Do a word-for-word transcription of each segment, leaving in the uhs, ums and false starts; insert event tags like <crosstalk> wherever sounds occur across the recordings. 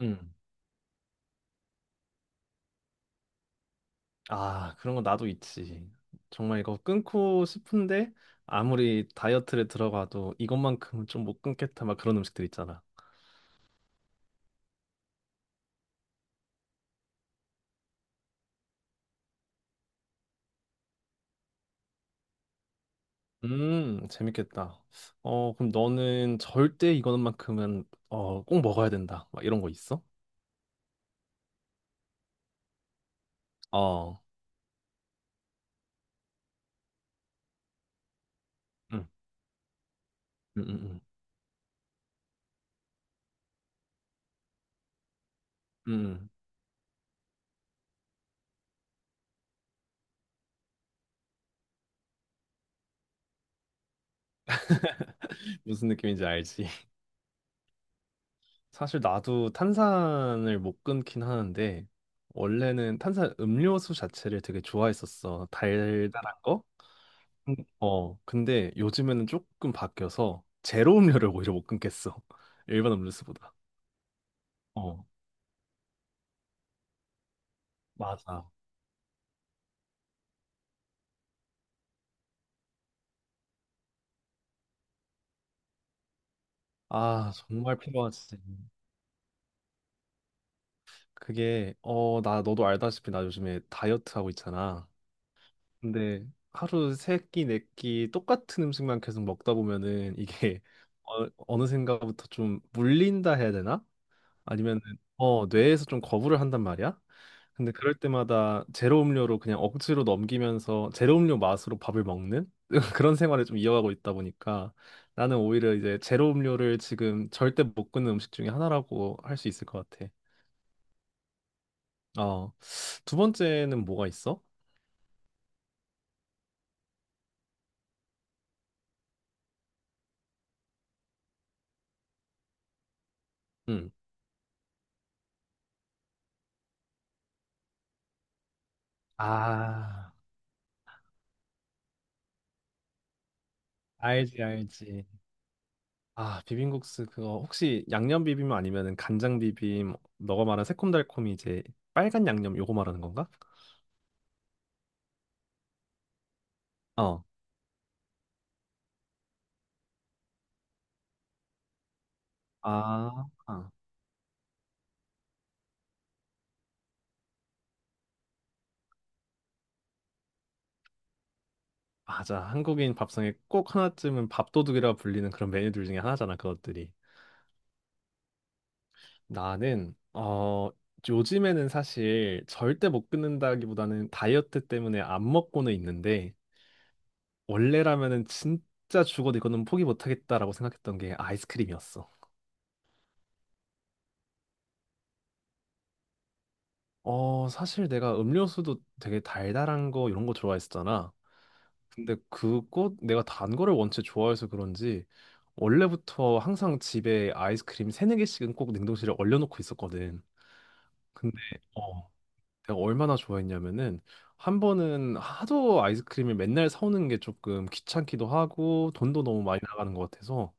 음. 아, 그런 거 나도 있지. 정말 이거 끊고 싶은데 아무리 다이어트를 들어가도 이것만큼은 좀 못 끊겠다 막 그런 음식들 있잖아. 음, 재밌겠다. 어, 그럼 너는 절대 이거만큼은 어, 꼭 먹어야 된다. 막 이런 거 있어? 어. 응. 응, 응, 응, 응. <laughs> 무슨 느낌인지 알지? <laughs> 사실 나도 탄산을 못 끊긴 하는데 원래는 탄산 음료수 자체를 되게 좋아했었어. 달달한 거? 근- 어, 근데 요즘에는 조금 바뀌어서 제로 음료를 오히려 못 끊겠어. <laughs> 일반 음료수보다. 어, 맞아. 아, 정말 필요하지. 그게, 어, 나, 너도 알다시피 나 요즘에 다이어트 하고 있잖아. 근데 하루 세 끼, 네끼 똑같은 음식만 계속 먹다 보면은 이게 <laughs> 어, 어느샌가부터 좀 물린다 해야 되나? 아니면 어 뇌에서 좀 거부를 한단 말이야. 근데 그럴 때마다 제로 음료로 그냥 억지로 넘기면서 제로 음료 맛으로 밥을 먹는 <laughs> 그런 생활을 좀 이어가고 있다 보니까 나는 오히려 이제 제로 음료를 지금 절대 못 끊는 음식 중에 하나라고 할 수 있을 것 같아. 어, 두 번째는 뭐가 있어? 응. 아, 알지, 알지. 아, 비빔국수 그거 혹시 양념 비빔 아니면은 간장 비빔 너가 말한 새콤달콤이 이제 빨간 양념 요거 말하는 건가? 어. 아, 아, 맞아. 한국인 밥상에 꼭 하나쯤은 밥도둑이라 불리는 그런 메뉴들 중에 하나잖아, 그것들이. 나는, 어, 요즘에는 사실 절대 못 끊는다기보다는 다이어트 때문에 안 먹고는 있는데, 원래라면은 진짜 죽어도 이거는 포기 못 하겠다라고 생각했던 게 아이스크림이었어. 어, 사실 내가 음료수도 되게 달달한 거 이런 거 좋아했었잖아. 근데 그거 내가 단 거를 원체 좋아해서 그런지 원래부터 항상 집에 아이스크림 세네 개씩은 꼭 냉동실에 얼려놓고 있었거든. 근데 어, 내가 얼마나 좋아했냐면은 한 번은 하도 아이스크림을 맨날 사오는 게 조금 귀찮기도 하고 돈도 너무 많이 나가는 것 같아서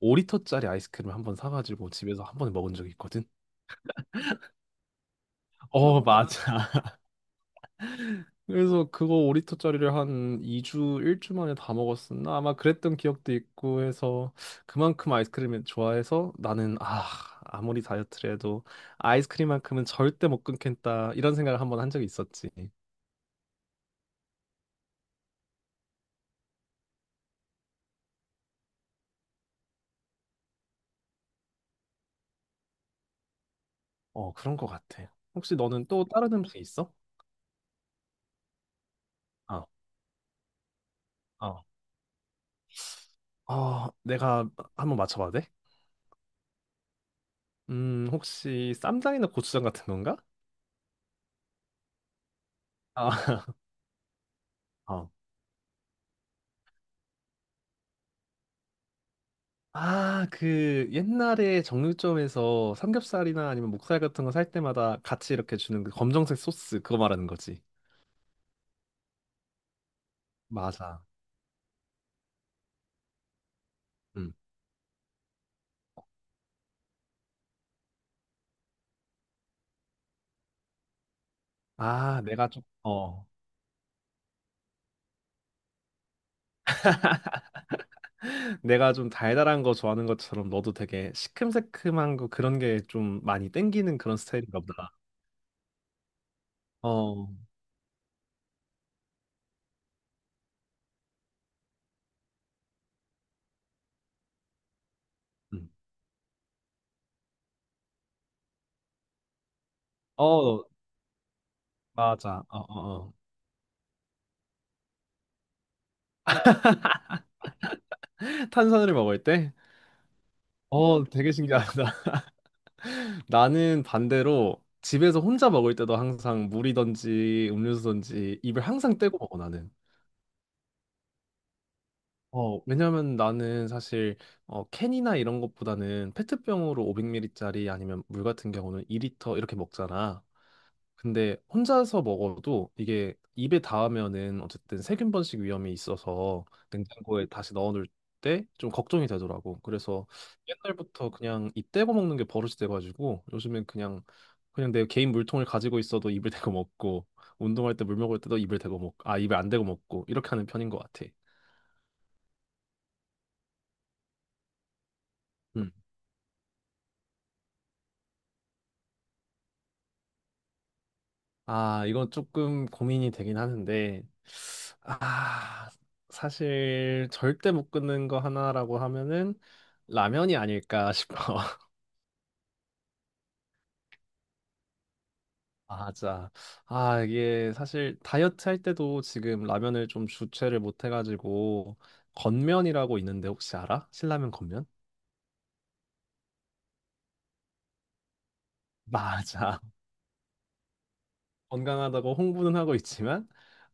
오 리터짜리 아이스크림 한번 사가지고 집에서 한 번에 먹은 적이 있거든. 어, 맞아. 그래서 그거 오 리터짜리를 한 이 주, 일 주 만에 다 먹었었나? 아마 그랬던 기억도 있고 해서 그만큼 아이스크림을 좋아해서 나는 아, 아무리 다이어트를 해도 아이스크림만큼은 절대 못 끊겠다. 이런 생각을 한번 한 적이 있었지. 어, 그런 거 같아. 혹시 너는 또 다른 음식 있어? 아, 어. 어, 내가 한번 맞춰봐도 돼? 음, 혹시 쌈장이나 고추장 같은 건가? 아, <laughs> 아, 그 옛날에 정육점에서 삼겹살이나 아니면 목살 같은 거 살 때마다 같이 이렇게 주는 그 검정색 소스 그거 말하는 거지. 맞아. 음. 아, 내가 좀 어. <laughs> 내가 좀 달달한 거 좋아하는 것처럼 너도 되게 시큼새큼한 거 그런 게 좀 많이 땡기는 그런 스타일인가 보다. 어. 음. 어, 맞아. 어, 어, 어. <laughs> 탄산을 먹을 때? 어, 되게 신기하다. 나는 반대로 집에서 혼자 먹을 때도 항상 물이든지 음료수든지 입을 항상 떼고 먹어 나는. 어, 왜냐면 나는 사실 어, 캔이나 이런 것보다는 페트병으로 오백 밀리리터짜리 아니면 물 같은 경우는 이 리터 이렇게 먹잖아. 근데 혼자서 먹어도 이게 입에 닿으면은 어쨌든 세균 번식 위험이 있어서 냉장고에 다시 넣어놓을 때 좀 걱정이 되더라고. 그래서 옛날부터 그냥 입 대고 먹는 게 버릇이 돼가지고 요즘엔 그냥 그냥 내 개인 물통을 가지고 있어도 입을 대고 먹고 운동할 때 물 먹을 때도 입을 대고 먹고 아 입에 안 대고 먹고 이렇게 하는 편인 것 같아. 음. 아, 이건 조금 고민이 되긴 하는데, 아, 사실 절대 못 끊는 거 하나라고 하면은 라면이 아닐까 싶어. <laughs> 맞아. 아, 이게 사실 다이어트 할 때도 지금 라면을 좀 주체를 못 해가지고, 건면이라고 있는데 혹시 알아? 신라면 건면? 맞아. 건강하다고 홍보는 하고 있지만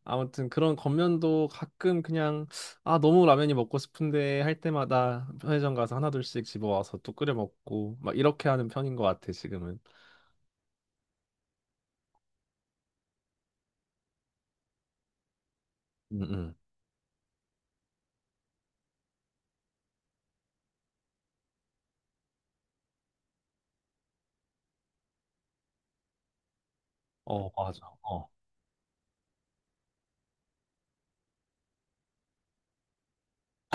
아무튼 그런 겉면도 가끔 그냥 아 너무 라면이 먹고 싶은데 할 때마다 편의점 가서 하나둘씩 집어와서 또 끓여 먹고 막 이렇게 하는 편인 것 같아 지금은. 음, 음. 어, 맞아. 어.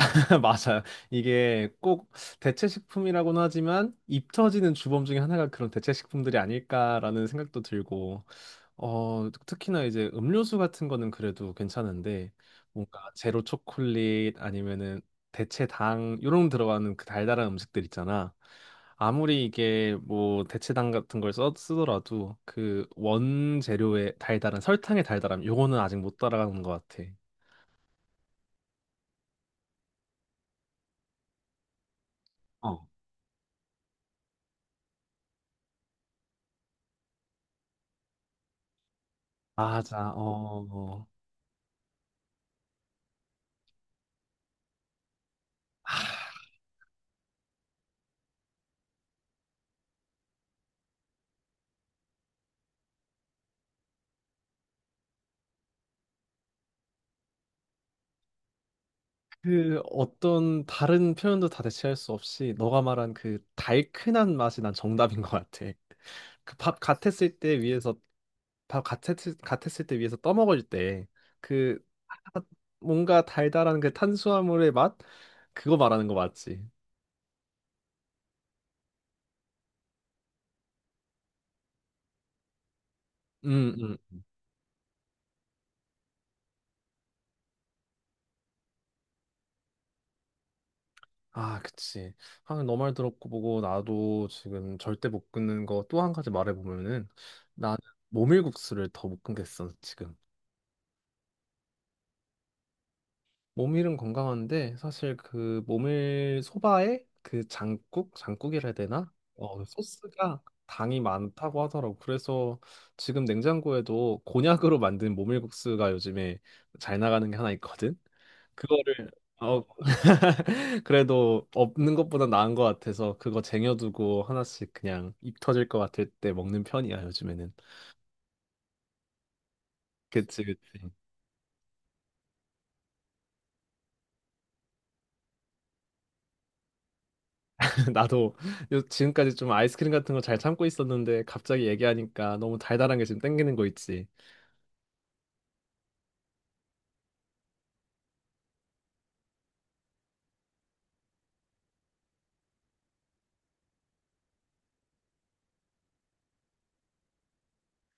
<laughs> 맞아. 이게 꼭 대체 식품이라고는 하지만 입 터지는 주범 중에 하나가 그런 대체 식품들이 아닐까라는 생각도 들고 어, 특히나 이제 음료수 같은 거는 그래도 괜찮은데 뭔가 제로 초콜릿 아니면은 대체 당 요런 들어가는 그 달달한 음식들 있잖아. 아무리 이게 뭐 대체당 같은 걸 써, 쓰더라도 그 원재료의 달달한 설탕의 달달함 요거는 아직 못 따라가는 것 같아. 어. 맞아. 어. 어. 아, 그 어떤 다른 표현도 다 대체할 수 없이 너가 말한 그 달큰한 맛이 난 정답인 것 같아. 그 밥 같았을 때 위에서 바로 같았을, 같았을 때 위에서 떠먹을 때 그 뭔가 달달한 그 탄수화물의 맛 그거 말하는 거 맞지? 음, 음. 아, 그치. 아, 너말 들었고 보고 나도 지금 절대 못 끊는 거 또 한 가지 말해보면은 나는 모밀국수를 더 못 끊겠어 지금. 모밀은 건강한데 사실 그 모밀 소바에 그 장국 장국이라 해야 되나? 어 그 소스가 당이 많다고 하더라고. 그래서 지금 냉장고에도 곤약으로 만든 모밀국수가 요즘에 잘 나가는 게 하나 있거든. 그거를 어 <laughs> 그래도 없는 것보다 나은 것 같아서 그거 쟁여두고 하나씩 그냥 입 터질 것 같을 때 먹는 편이야 요즘에는. 그치, 그치. <laughs> 나도 요- 지금까지 좀 아이스크림 같은 거 잘 참고 있었는데 갑자기 얘기하니까 너무 달달한 게 지금 땡기는 거 있지.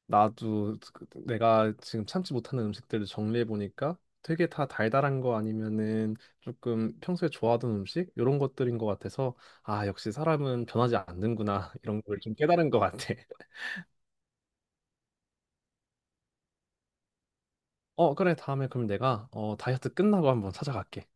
나도 그- 내가 지금 참지 못하는 음식들을 정리해 보니까 되게 다 달달한 거 아니면은 조금 평소에 좋아하던 음식 이런 것들인 것 같아서 아 역시 사람은 변하지 않는구나 <laughs> 이런 걸 좀 깨달은 것 같아. <laughs> 어 그래, 다음에 그럼 내가 어 다이어트 끝나고 한번 찾아갈게.